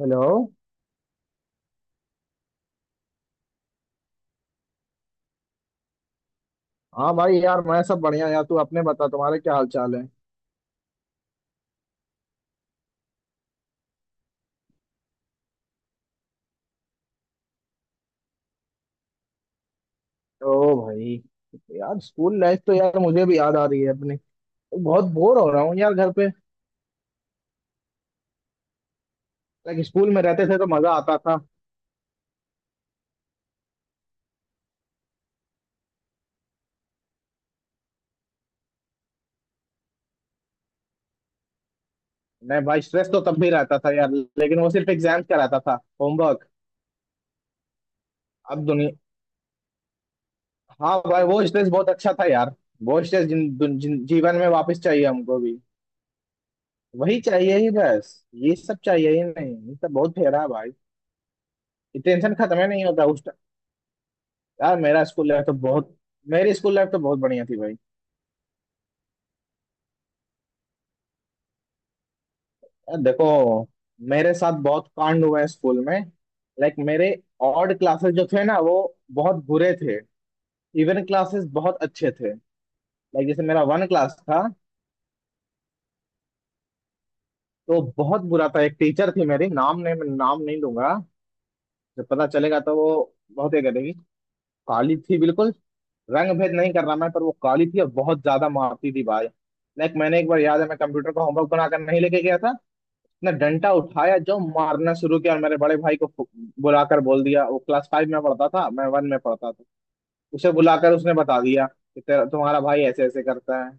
Hello. हाँ भाई, यार मैं सब बढ़िया यार। तू अपने बता, तुम्हारे क्या हाल चाल है? ओ भाई, यार स्कूल लाइफ तो यार मुझे भी याद आ रही है अपनी। बहुत बोर हो रहा हूँ यार घर पे। लाइक स्कूल में रहते थे तो मजा आता था। नहीं भाई, स्ट्रेस तो तब भी रहता था यार, लेकिन वो सिर्फ एग्जाम का रहता था, होमवर्क। अब दुनिया। हाँ भाई, वो स्ट्रेस बहुत अच्छा था यार। वो स्ट्रेस जीवन में वापस चाहिए हमको भी। वही चाहिए ही बस। ये सब चाहिए ही नहीं, ये सब बहुत फेरा है भाई। ये टेंशन खत्म ही नहीं होता उस। यार मेरा स्कूल लाइफ तो बहुत मेरी स्कूल लाइफ तो बहुत बढ़िया थी भाई। यार देखो, मेरे साथ बहुत कांड हुए हैं स्कूल में। लाइक मेरे। ऑड क्लासेस जो थे ना वो बहुत बुरे थे। इवन क्लासेस बहुत अच्छे थे। लाइक जैसे मेरा वन क्लास था तो बहुत बुरा था, एक टीचर थी मेरी, नाम नहीं मैं नाम नहीं लूंगा। जब पता चलेगा तो वो बहुत ये करेगी। काली थी बिल्कुल। रंग भेद नहीं कर रहा मैं, पर वो काली थी और बहुत ज्यादा मारती थी भाई। लाइक मैंने एक बार, याद है, मैं कंप्यूटर का होमवर्क बनाकर नहीं लेके गया था ना, डंडा उठाया, जो मारना शुरू किया, और मेरे बड़े भाई को बुलाकर बोल दिया। वो क्लास फाइव में पढ़ता था, मैं वन में पढ़ता था। उसे बुलाकर उसने बता दिया कि तेरा तुम्हारा भाई ऐसे ऐसे करता है।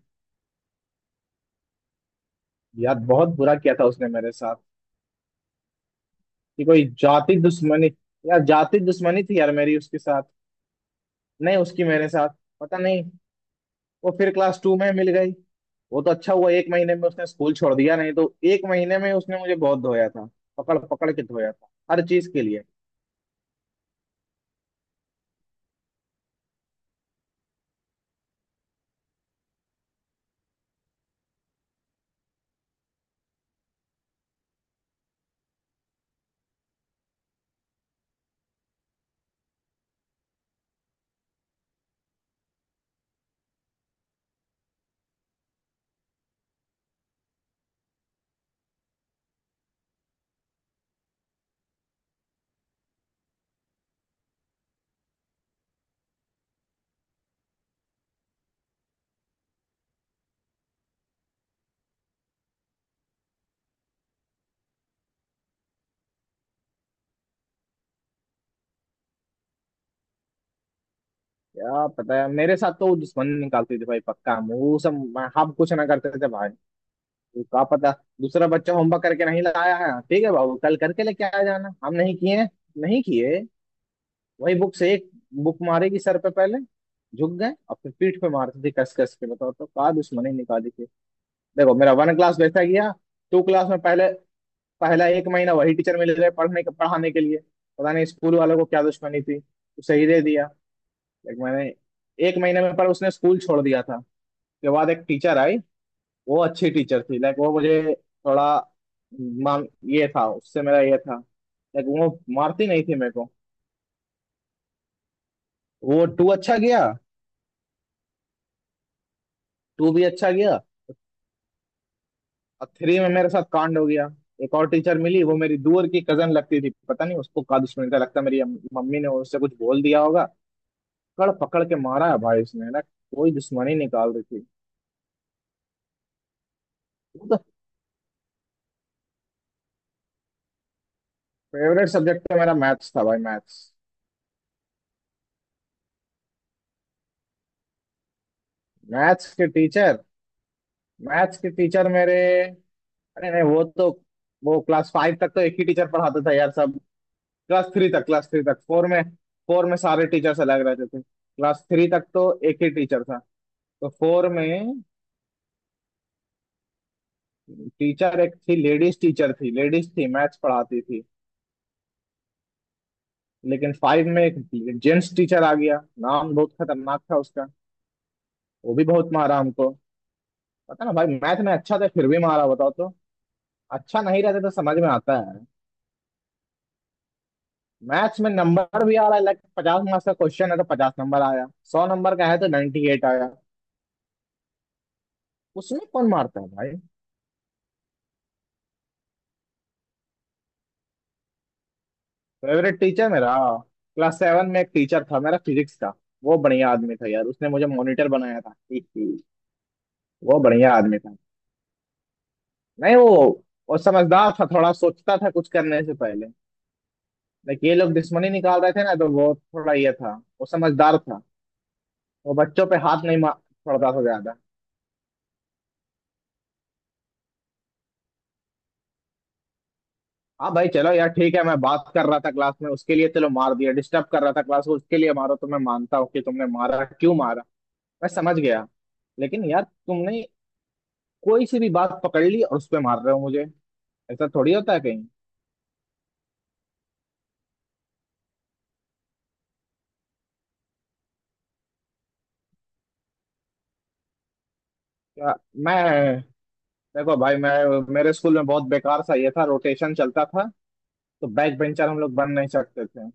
यार बहुत बुरा किया था उसने मेरे साथ। कि कोई जाति दुश्मनी। यार जाति दुश्मनी थी यार, मेरी उसके साथ नहीं, उसकी मेरे साथ। पता नहीं। वो फिर क्लास टू में मिल गई। वो तो अच्छा हुआ एक महीने में उसने स्कूल छोड़ दिया, नहीं तो एक महीने में उसने मुझे बहुत धोया था। पकड़ पकड़ के धोया था हर चीज के लिए। क्या पता है, मेरे साथ तो वो दुश्मन निकालती थी भाई पक्का। वो सब हम कुछ ना करते थे भाई। वो क्या पता। दूसरा बच्चा होमवर्क करके नहीं लाया है, ठीक है बाबू कल करके लेके आ जाना, हम नहीं किए, नहीं किए, वही बुक से एक बुक मारेगी सर पे। पहले झुक गए और फिर पीठ पे मारते थे कस कस के। बताओ तो, क्या दुश्मनी निकाली थी। देखो मेरा वन क्लास वैसा गया। टू क्लास में पहले, पहला एक महीना वही टीचर मिल रहे पढ़ने के पढ़ाने के लिए। पता नहीं स्कूल वालों को क्या दुश्मनी थी, उसे ही दे दिया। लेकिन मैंने, एक महीने में पर उसने स्कूल छोड़ दिया था। उसके बाद एक टीचर आई। वो अच्छी टीचर थी, लाइक वो मुझे थोड़ा मान ये था, उससे मेरा ये था। लाइक वो मारती नहीं थी मेरे को। वो टू अच्छा गया, टू भी अच्छा गया। और थ्री में मेरे साथ कांड हो गया। एक और टीचर मिली, वो मेरी दूर की कजन लगती थी। पता नहीं उसको का दुश्मनी था, लगता है मेरी मम्मी ने उससे कुछ बोल दिया होगा। कड़ पकड़ के मारा है भाई उसने ना, कोई दुश्मनी निकाल रही थी वो तो। फेवरेट सब्जेक्ट तो मेरा मैथ्स था भाई, मैथ्स। मैथ्स के टीचर मैथ्स के टीचर मेरे, अरे नहीं वो तो। वो क्लास फाइव तक तो एक ही टीचर पढ़ाता था यार सब। क्लास थ्री तक, फोर में, फोर में सारे टीचर्स अलग रहते थे। क्लास थ्री तक तो एक ही टीचर था। तो फोर में टीचर एक थी, लेडीज टीचर थी, लेडीज थी, मैथ्स पढ़ाती थी। लेकिन फाइव में एक जेंट्स टीचर आ गया, नाम बहुत खतरनाक था उसका। वो भी बहुत मारा हमको। पता ना भाई, मैथ में अच्छा था फिर भी मारा, बताओ तो। अच्छा नहीं रहता तो समझ में आता है। मैथ्स में नंबर भी आ रहा है, लाइक 50 मार्क्स का क्वेश्चन है तो 50 नंबर आया। 100 नंबर का है तो 98 आया। उसमें कौन मारता है भाई? फेवरेट टीचर मेरा, क्लास सेवन में एक टीचर था मेरा, फिजिक्स का। वो बढ़िया आदमी था यार, उसने मुझे मॉनिटर बनाया था ही, ही। वो बढ़िया आदमी था। नहीं वो समझदार था, थोड़ा सोचता था कुछ करने से पहले। लाइक ये लोग दुश्मनी निकाल रहे थे ना, तो वो थोड़ा ये था। वो समझदार था। वो बच्चों पे हाथ नहीं मार पड़ता था ज्यादा। हाँ भाई चलो यार ठीक है, मैं बात कर रहा था क्लास में, उसके लिए चलो मार दिया, डिस्टर्ब कर रहा था क्लास को, उसके लिए मारो, तो मैं मानता हूँ कि तुमने मारा, क्यों मारा, मैं समझ गया। लेकिन यार तुमने कोई सी भी बात पकड़ ली और उस पे मार रहे हो मुझे। ऐसा थोड़ी होता है कहीं। क्या मैं, देखो भाई मैं, मेरे स्कूल में बहुत बेकार सा ये था, रोटेशन चलता था। तो बैक बेंचर हम लोग बन नहीं सकते थे।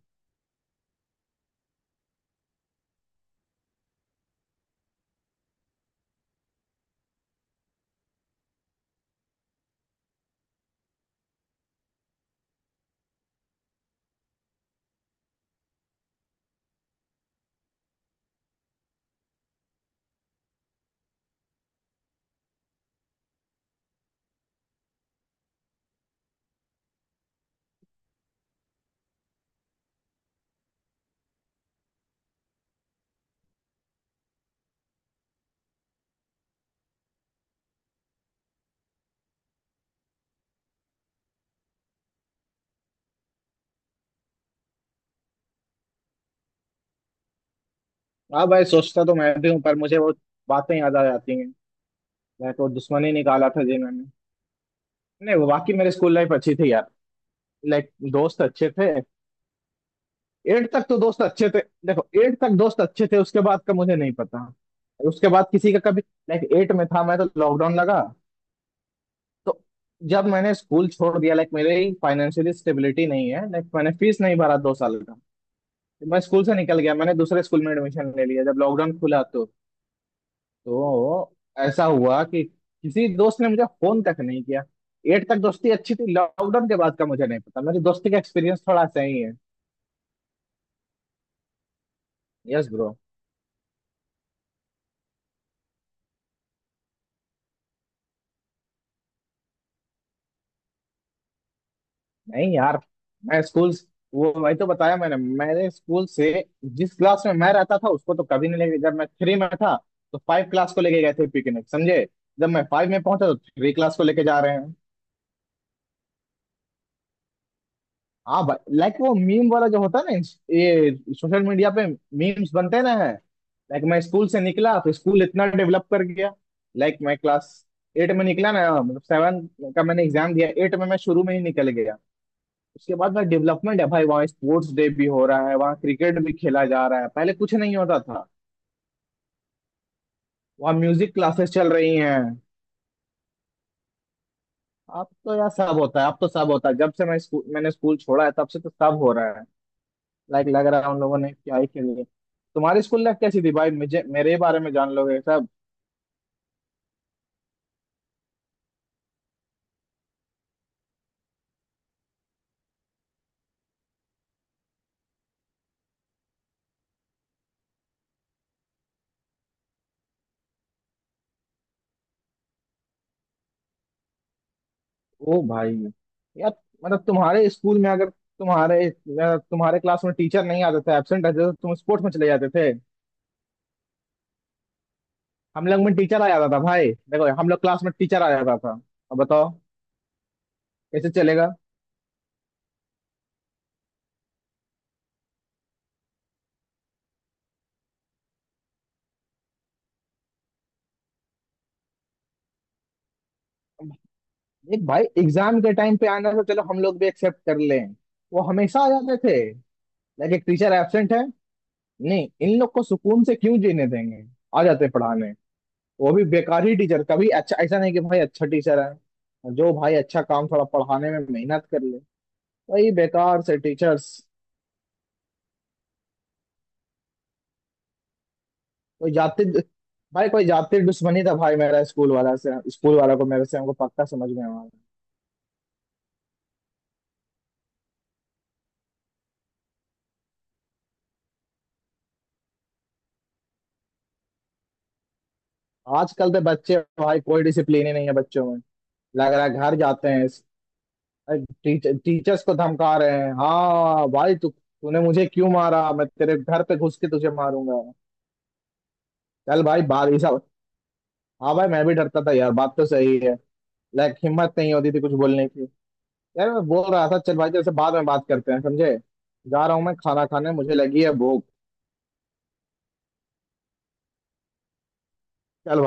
हाँ भाई, सोचता तो मैं भी हूँ, पर मुझे वो बातें याद आ जाती हैं। लाइक वो दुश्मनी निकाला था जिन्होंने। नहीं, वो बाकी मेरे स्कूल लाइफ अच्छी थी यार। लाइक दोस्त अच्छे थे। एट तक तो दोस्त अच्छे थे। देखो एट तक दोस्त अच्छे थे, उसके बाद का मुझे नहीं पता। उसके बाद किसी का कभी। लाइक एट में था मैं तो लॉकडाउन लगा। तो जब मैंने स्कूल छोड़ दिया, लाइक मेरी फाइनेंशियली स्टेबिलिटी नहीं है, लाइक मैंने फीस नहीं भरा 2 साल का। तो मैं स्कूल से निकल गया, मैंने दूसरे स्कूल में एडमिशन ले लिया जब लॉकडाउन खुला तो। तो ऐसा हुआ कि किसी दोस्त ने मुझे फोन तक नहीं किया। एट तक दोस्ती अच्छी थी, लॉकडाउन के बाद का मुझे नहीं पता, मेरी दोस्ती का एक्सपीरियंस थोड़ा सही है। Yes bro. नहीं यार, मैं स्कूल वो वही तो बताया मैंने, मेरे स्कूल से जिस क्लास में मैं रहता था उसको तो कभी नहीं लेके। जब मैं थ्री में था तो फाइव क्लास को लेके गए थे पिकनिक, समझे? जब मैं फाइव में पहुंचा तो थ्री क्लास को लेके जा रहे हैं। हाँ भाई, लाइक वो मीम वाला जो होता है ना ये सोशल मीडिया पे मीम्स बनते ना है। लाइक मैं स्कूल से निकला तो स्कूल इतना डेवलप कर गया। लाइक मैं क्लास एट में निकला ना, मतलब सेवन का मैंने एग्जाम दिया, एट में मैं शुरू में ही निकल गया। उसके बाद में डेवलपमेंट है भाई, वहाँ स्पोर्ट्स डे भी हो रहा है, वहाँ क्रिकेट भी खेला जा रहा है, पहले कुछ नहीं होता था। वहाँ म्यूजिक क्लासेस चल रही हैं। अब तो यार सब होता है, अब तो सब होता है, जब से मैंने स्कूल छोड़ा है तब से तो सब हो रहा है। लाइक लग रहा है उन लोगों ने क्या ही खेल लिया। तुम्हारी स्कूल लाइफ कैसी थी भाई? मुझे मेरे बारे में जान लोगे सब। ओ भाई यार मतलब, तुम्हारे स्कूल में अगर तुम्हारे अगर तुम्हारे क्लास में टीचर नहीं आते थे, एब्सेंट रहते थे, तो तुम स्पोर्ट्स में चले जाते थे। हम लोग में टीचर आ जाता था भाई, देखो हम लोग क्लास में टीचर आ जाता था। अब बताओ कैसे चलेगा। एक भाई एग्जाम के टाइम पे आना तो चलो हम लोग भी एक्सेप्ट कर लें, वो हमेशा आ जाते थे। लाइक एक टीचर एब्सेंट है, नहीं इन लोग को सुकून से क्यों जीने देंगे, आ जाते पढ़ाने। वो भी बेकार ही टीचर, कभी अच्छा ऐसा नहीं कि भाई अच्छा टीचर है जो भाई अच्छा काम थोड़ा पढ़ाने में मेहनत कर ले, वही बेकार से टीचर्स। कोई जाति, भाई कोई जाति दुश्मनी था भाई, मेरा स्कूल वाला से, स्कूल वाला को मेरे से, हमको पक्का समझ में आ रहा है। आजकल तो बच्चे भाई, कोई डिसिप्लिन ही नहीं है बच्चों में। लग रहा है घर जाते हैं, टीचर्स को धमका रहे हैं, हाँ भाई, तू तूने मुझे क्यों मारा, मैं तेरे घर पे घुस के तुझे मारूंगा। चल भाई बात ऐसा। हाँ भाई, मैं भी डरता था यार, बात तो सही है। लाइक हिम्मत नहीं होती थी कुछ बोलने की। यार मैं बोल रहा था, चल भाई तेरे से बाद में बात करते हैं समझे, जा रहा हूँ मैं खाना खाने, मुझे लगी है भूख। चल भाई।